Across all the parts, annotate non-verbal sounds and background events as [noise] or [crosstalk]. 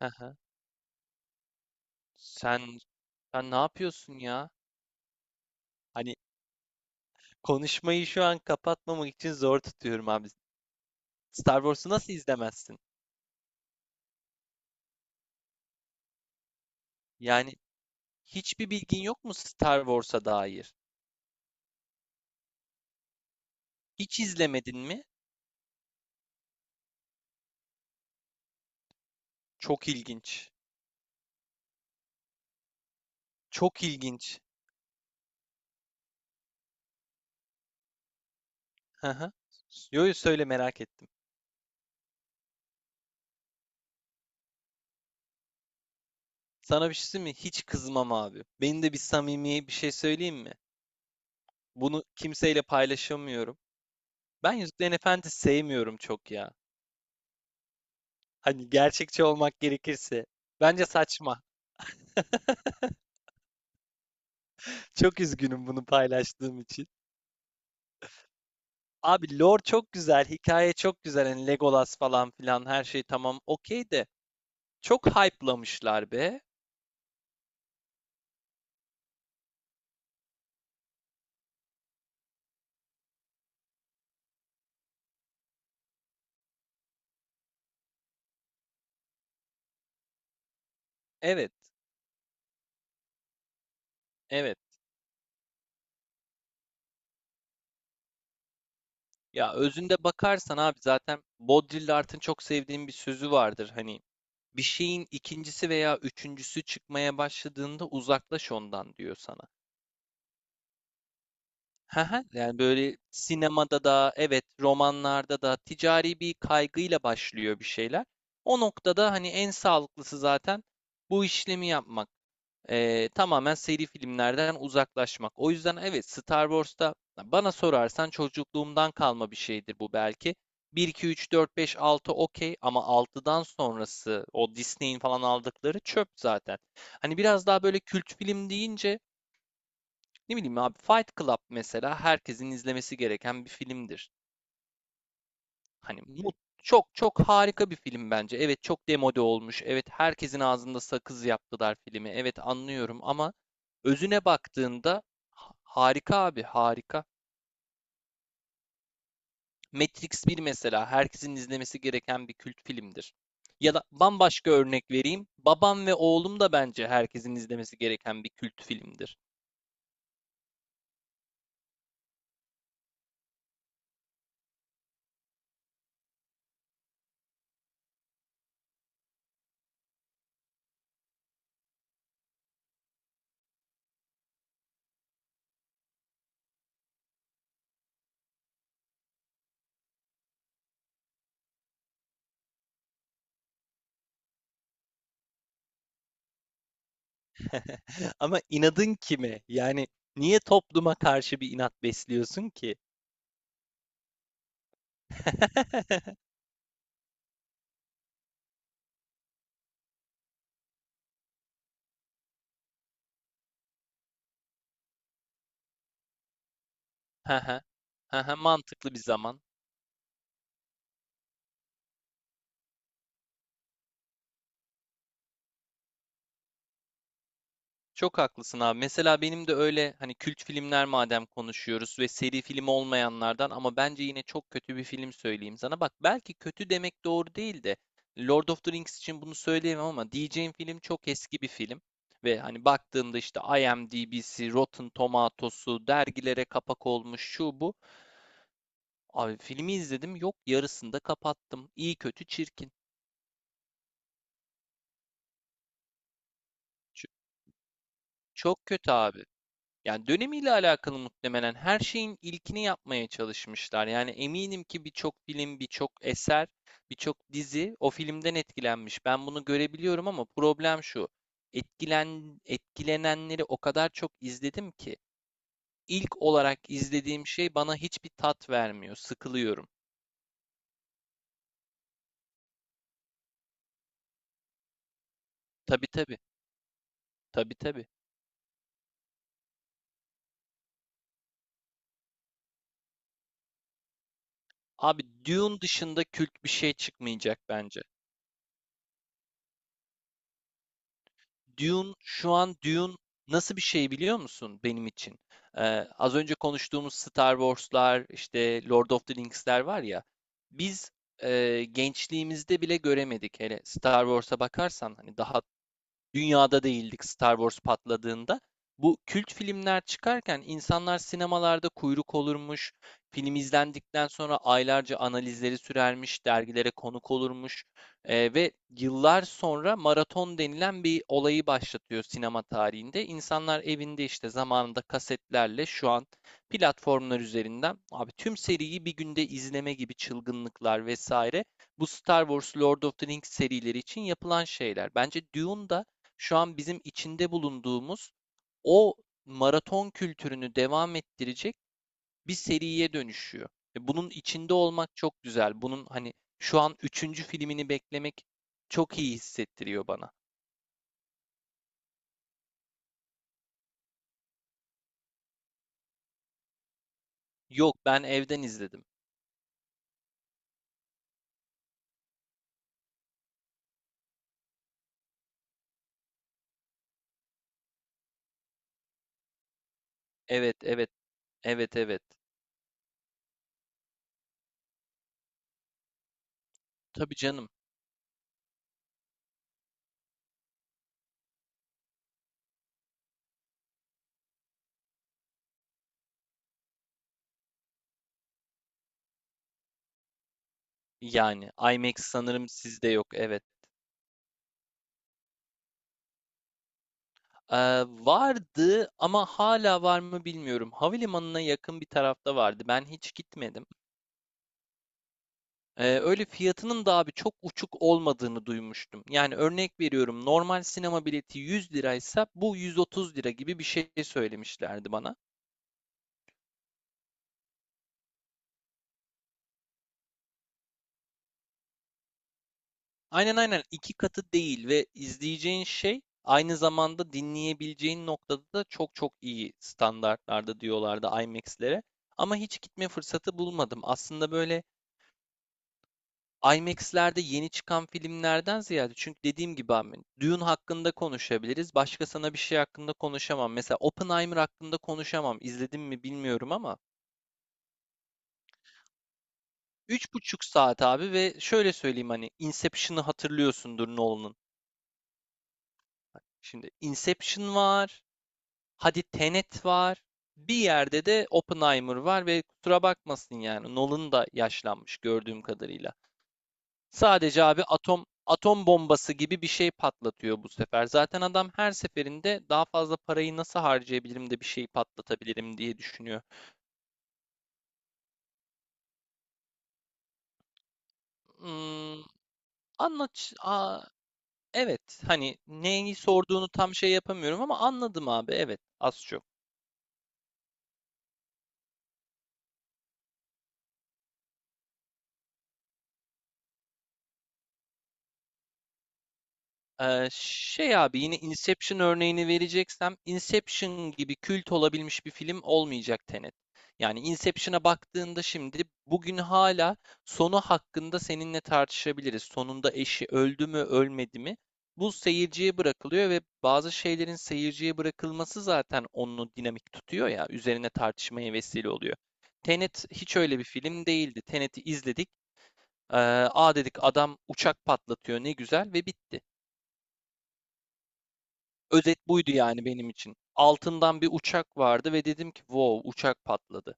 Aha. Sen sen ne yapıyorsun ya? Hani konuşmayı şu an kapatmamak için zor tutuyorum abi. Star Wars'u nasıl izlemezsin? Yani hiçbir bilgin yok mu Star Wars'a dair? Hiç izlemedin mi? Çok ilginç. Çok ilginç. Hı hı. Yo yo, söyle merak ettim. Sana bir şey söyleyeyim mi? Hiç kızmam abi. Benim de bir samimi bir şey söyleyeyim mi? Bunu kimseyle paylaşamıyorum. Ben Yüzüklerin Efendisi sevmiyorum çok ya. Hani gerçekçi olmak gerekirse. Bence saçma. [laughs] Çok üzgünüm bunu paylaştığım için. Abi lore çok güzel, hikaye çok güzel. Hani Legolas falan filan her şey tamam okey de. Çok hype'lamışlar be. Evet, evet. Ya özünde bakarsan abi zaten Baudrillard'ın çok sevdiğim bir sözü vardır. Hani bir şeyin ikincisi veya üçüncüsü çıkmaya başladığında uzaklaş ondan diyor sana. Hı. Yani böyle sinemada da evet romanlarda da ticari bir kaygıyla başlıyor bir şeyler. O noktada hani en sağlıklısı zaten bu işlemi yapmak. Tamamen seri filmlerden uzaklaşmak. O yüzden evet Star Wars'ta bana sorarsan çocukluğumdan kalma bir şeydir bu belki. Bir, 2, 3, 4, 5, 6, okey ama altıdan sonrası o Disney'in falan aldıkları çöp zaten. Hani biraz daha böyle kült film deyince ne bileyim abi Fight Club mesela herkesin izlemesi gereken bir filmdir. Hani çok çok harika bir film bence. Evet çok demode olmuş. Evet herkesin ağzında sakız yaptılar filmi. Evet anlıyorum ama özüne baktığında harika abi harika. Matrix bir mesela herkesin izlemesi gereken bir kült filmdir. Ya da bambaşka örnek vereyim. Babam ve oğlum da bence herkesin izlemesi gereken bir kült filmdir. [laughs] Ama inadın kime? Yani niye topluma karşı bir inat besliyorsun ki? [laughs] He he. He he, mantıklı bir zaman. Çok haklısın abi. Mesela benim de öyle hani kült filmler madem konuşuyoruz ve seri film olmayanlardan ama bence yine çok kötü bir film söyleyeyim sana. Bak belki kötü demek doğru değil de Lord of the Rings için bunu söyleyemem ama diyeceğim film çok eski bir film. Ve hani baktığımda işte IMDb'si, Rotten Tomatoes'u, dergilere kapak olmuş şu bu. Abi filmi izledim yok yarısında kapattım. İyi kötü çirkin. Ç- Çok kötü abi. Yani dönemiyle alakalı muhtemelen her şeyin ilkini yapmaya çalışmışlar. Yani eminim ki birçok film, birçok eser, birçok dizi o filmden etkilenmiş. Ben bunu görebiliyorum ama problem şu. Etkilenenleri o kadar çok izledim ki ilk olarak izlediğim şey bana hiçbir tat vermiyor. Sıkılıyorum. Tabii tabii. Tabii tabii. Abi Dune dışında kült bir şey çıkmayacak bence. Dune şu an Dune nasıl bir şey biliyor musun benim için? Ee, az önce konuştuğumuz Star Wars'lar, işte Lord of the Rings'ler var ya. Biz gençliğimizde bile göremedik. Hele Star Wars'a bakarsan hani daha dünyada değildik Star Wars patladığında. Bu kült filmler çıkarken insanlar sinemalarda kuyruk olurmuş, film izlendikten sonra aylarca analizleri sürermiş, dergilere konuk olurmuş ve yıllar sonra maraton denilen bir olayı başlatıyor sinema tarihinde. İnsanlar evinde işte zamanında kasetlerle şu an platformlar üzerinden abi tüm seriyi bir günde izleme gibi çılgınlıklar vesaire bu Star Wars, Lord of the Rings serileri için yapılan şeyler. Bence Dune da şu an bizim içinde bulunduğumuz o maraton kültürünü devam ettirecek bir seriye dönüşüyor. Bunun içinde olmak çok güzel. Bunun hani şu an üçüncü filmini beklemek çok iyi hissettiriyor bana. Yok, ben evden izledim. Evet, evet, evet, evet. Tabii canım. Yani IMAX sanırım sizde yok. Evet. Ee, vardı ama hala var mı bilmiyorum. Havalimanına yakın bir tarafta vardı. Ben hiç gitmedim. Öyle fiyatının da abi çok uçuk olmadığını duymuştum. Yani örnek veriyorum normal sinema bileti 100 liraysa bu 130 lira gibi bir şey söylemişlerdi bana. Aynen aynen iki katı değil ve izleyeceğin şey aynı zamanda dinleyebileceğin noktada da çok çok iyi standartlarda diyorlardı IMAX'lere. Ama hiç gitme fırsatı bulmadım. Aslında böyle IMAX'lerde yeni çıkan filmlerden ziyade çünkü dediğim gibi abi Dune hakkında konuşabiliriz. Başka sana bir şey hakkında konuşamam. Mesela Oppenheimer hakkında konuşamam. İzledim mi bilmiyorum ama 3,5 saat abi ve şöyle söyleyeyim hani Inception'ı hatırlıyorsundur Nolan'ın. Şimdi Inception var. Hadi Tenet var. Bir yerde de Oppenheimer var ve kusura bakmasın yani Nolan da yaşlanmış gördüğüm kadarıyla. Sadece abi atom bombası gibi bir şey patlatıyor bu sefer. Zaten adam her seferinde daha fazla parayı nasıl harcayabilirim de bir şey patlatabilirim diye düşünüyor. Hmm, anlat. Aa, evet. Hani neyi sorduğunu tam şey yapamıyorum ama anladım abi. Evet. Az çok. Şey abi yine Inception örneğini vereceksem Inception gibi kült olabilmiş bir film olmayacak Tenet. Yani Inception'a baktığında şimdi bugün hala sonu hakkında seninle tartışabiliriz. Sonunda eşi öldü mü ölmedi mi? Bu seyirciye bırakılıyor ve bazı şeylerin seyirciye bırakılması zaten onu dinamik tutuyor ya üzerine tartışmaya vesile oluyor. Tenet hiç öyle bir film değildi. Tenet'i izledik. Aa dedik adam uçak patlatıyor ne güzel ve bitti. Özet buydu yani benim için. Altından bir uçak vardı ve dedim ki wow uçak patladı.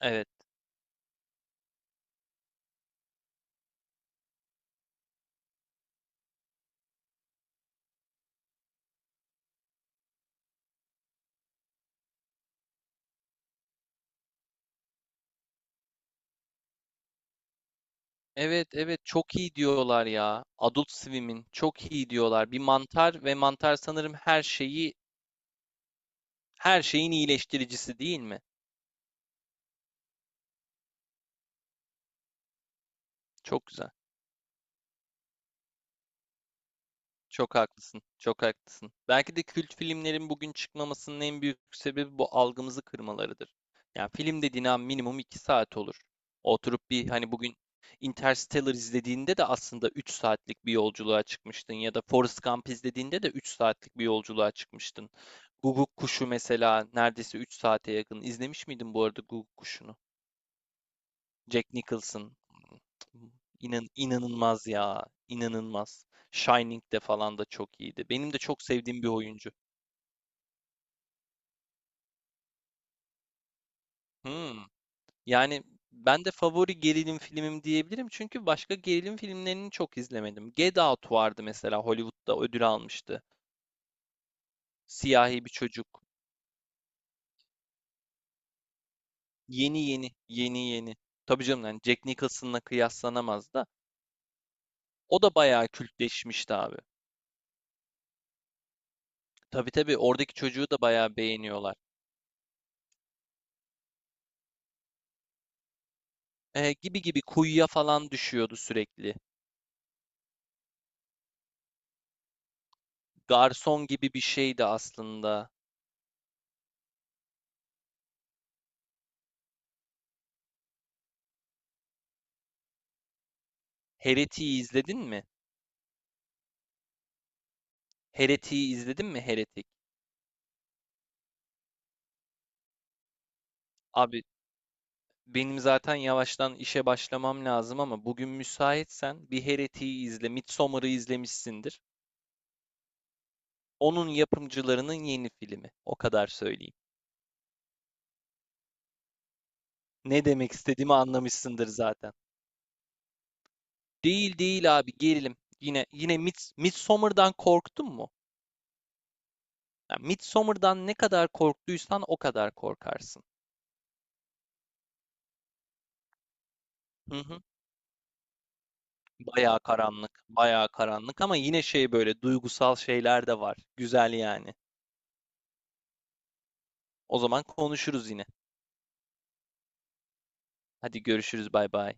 Evet. Evet evet çok iyi diyorlar ya. Adult Swim'in çok iyi diyorlar. Bir mantar ve mantar sanırım her şeyin iyileştiricisi değil mi? Çok güzel. Çok haklısın. Çok haklısın. Belki de kült filmlerin bugün çıkmamasının en büyük sebebi bu algımızı kırmalarıdır. Yani film dediğin an minimum 2 saat olur. Oturup bir hani bugün Interstellar izlediğinde de aslında 3 saatlik bir yolculuğa çıkmıştın ya da Forrest Gump izlediğinde de 3 saatlik bir yolculuğa çıkmıştın. Guguk Kuşu mesela neredeyse 3 saate yakın. İzlemiş miydin bu arada Guguk Kuşu'nu? Jack Nicholson. İnan, inanılmaz ya. İnanılmaz. Shining'de falan da çok iyiydi. Benim de çok sevdiğim bir oyuncu. Hmm. Yani ben de favori gerilim filmim diyebilirim. Çünkü başka gerilim filmlerini çok izlemedim. Get Out vardı mesela Hollywood'da ödül almıştı. Siyahi bir çocuk. Yeni yeni, yeni yeni. Tabii canım yani Jack Nicholson'la kıyaslanamaz da. O da bayağı kültleşmişti abi. Tabii tabii oradaki çocuğu da bayağı beğeniyorlar. Gibi gibi kuyuya falan düşüyordu sürekli. Garson gibi bir şeydi aslında. Heretik'i izledin mi? Heretik'i izledin mi Heretik? Abi benim zaten yavaştan işe başlamam lazım ama bugün müsaitsen bir Heretik'i izle. Midsommar'ı izlemişsindir. Onun yapımcılarının yeni filmi. O kadar söyleyeyim. Ne demek istediğimi anlamışsındır zaten. Değil değil abi gerilim. Yine yine Midsommar'dan korktun mu? Yani Midsommar'dan ne kadar korktuysan o kadar korkarsın. Hı hı. Bayağı karanlık, bayağı karanlık ama yine şey böyle duygusal şeyler de var. Güzel yani. O zaman konuşuruz yine. Hadi görüşürüz, bay bay.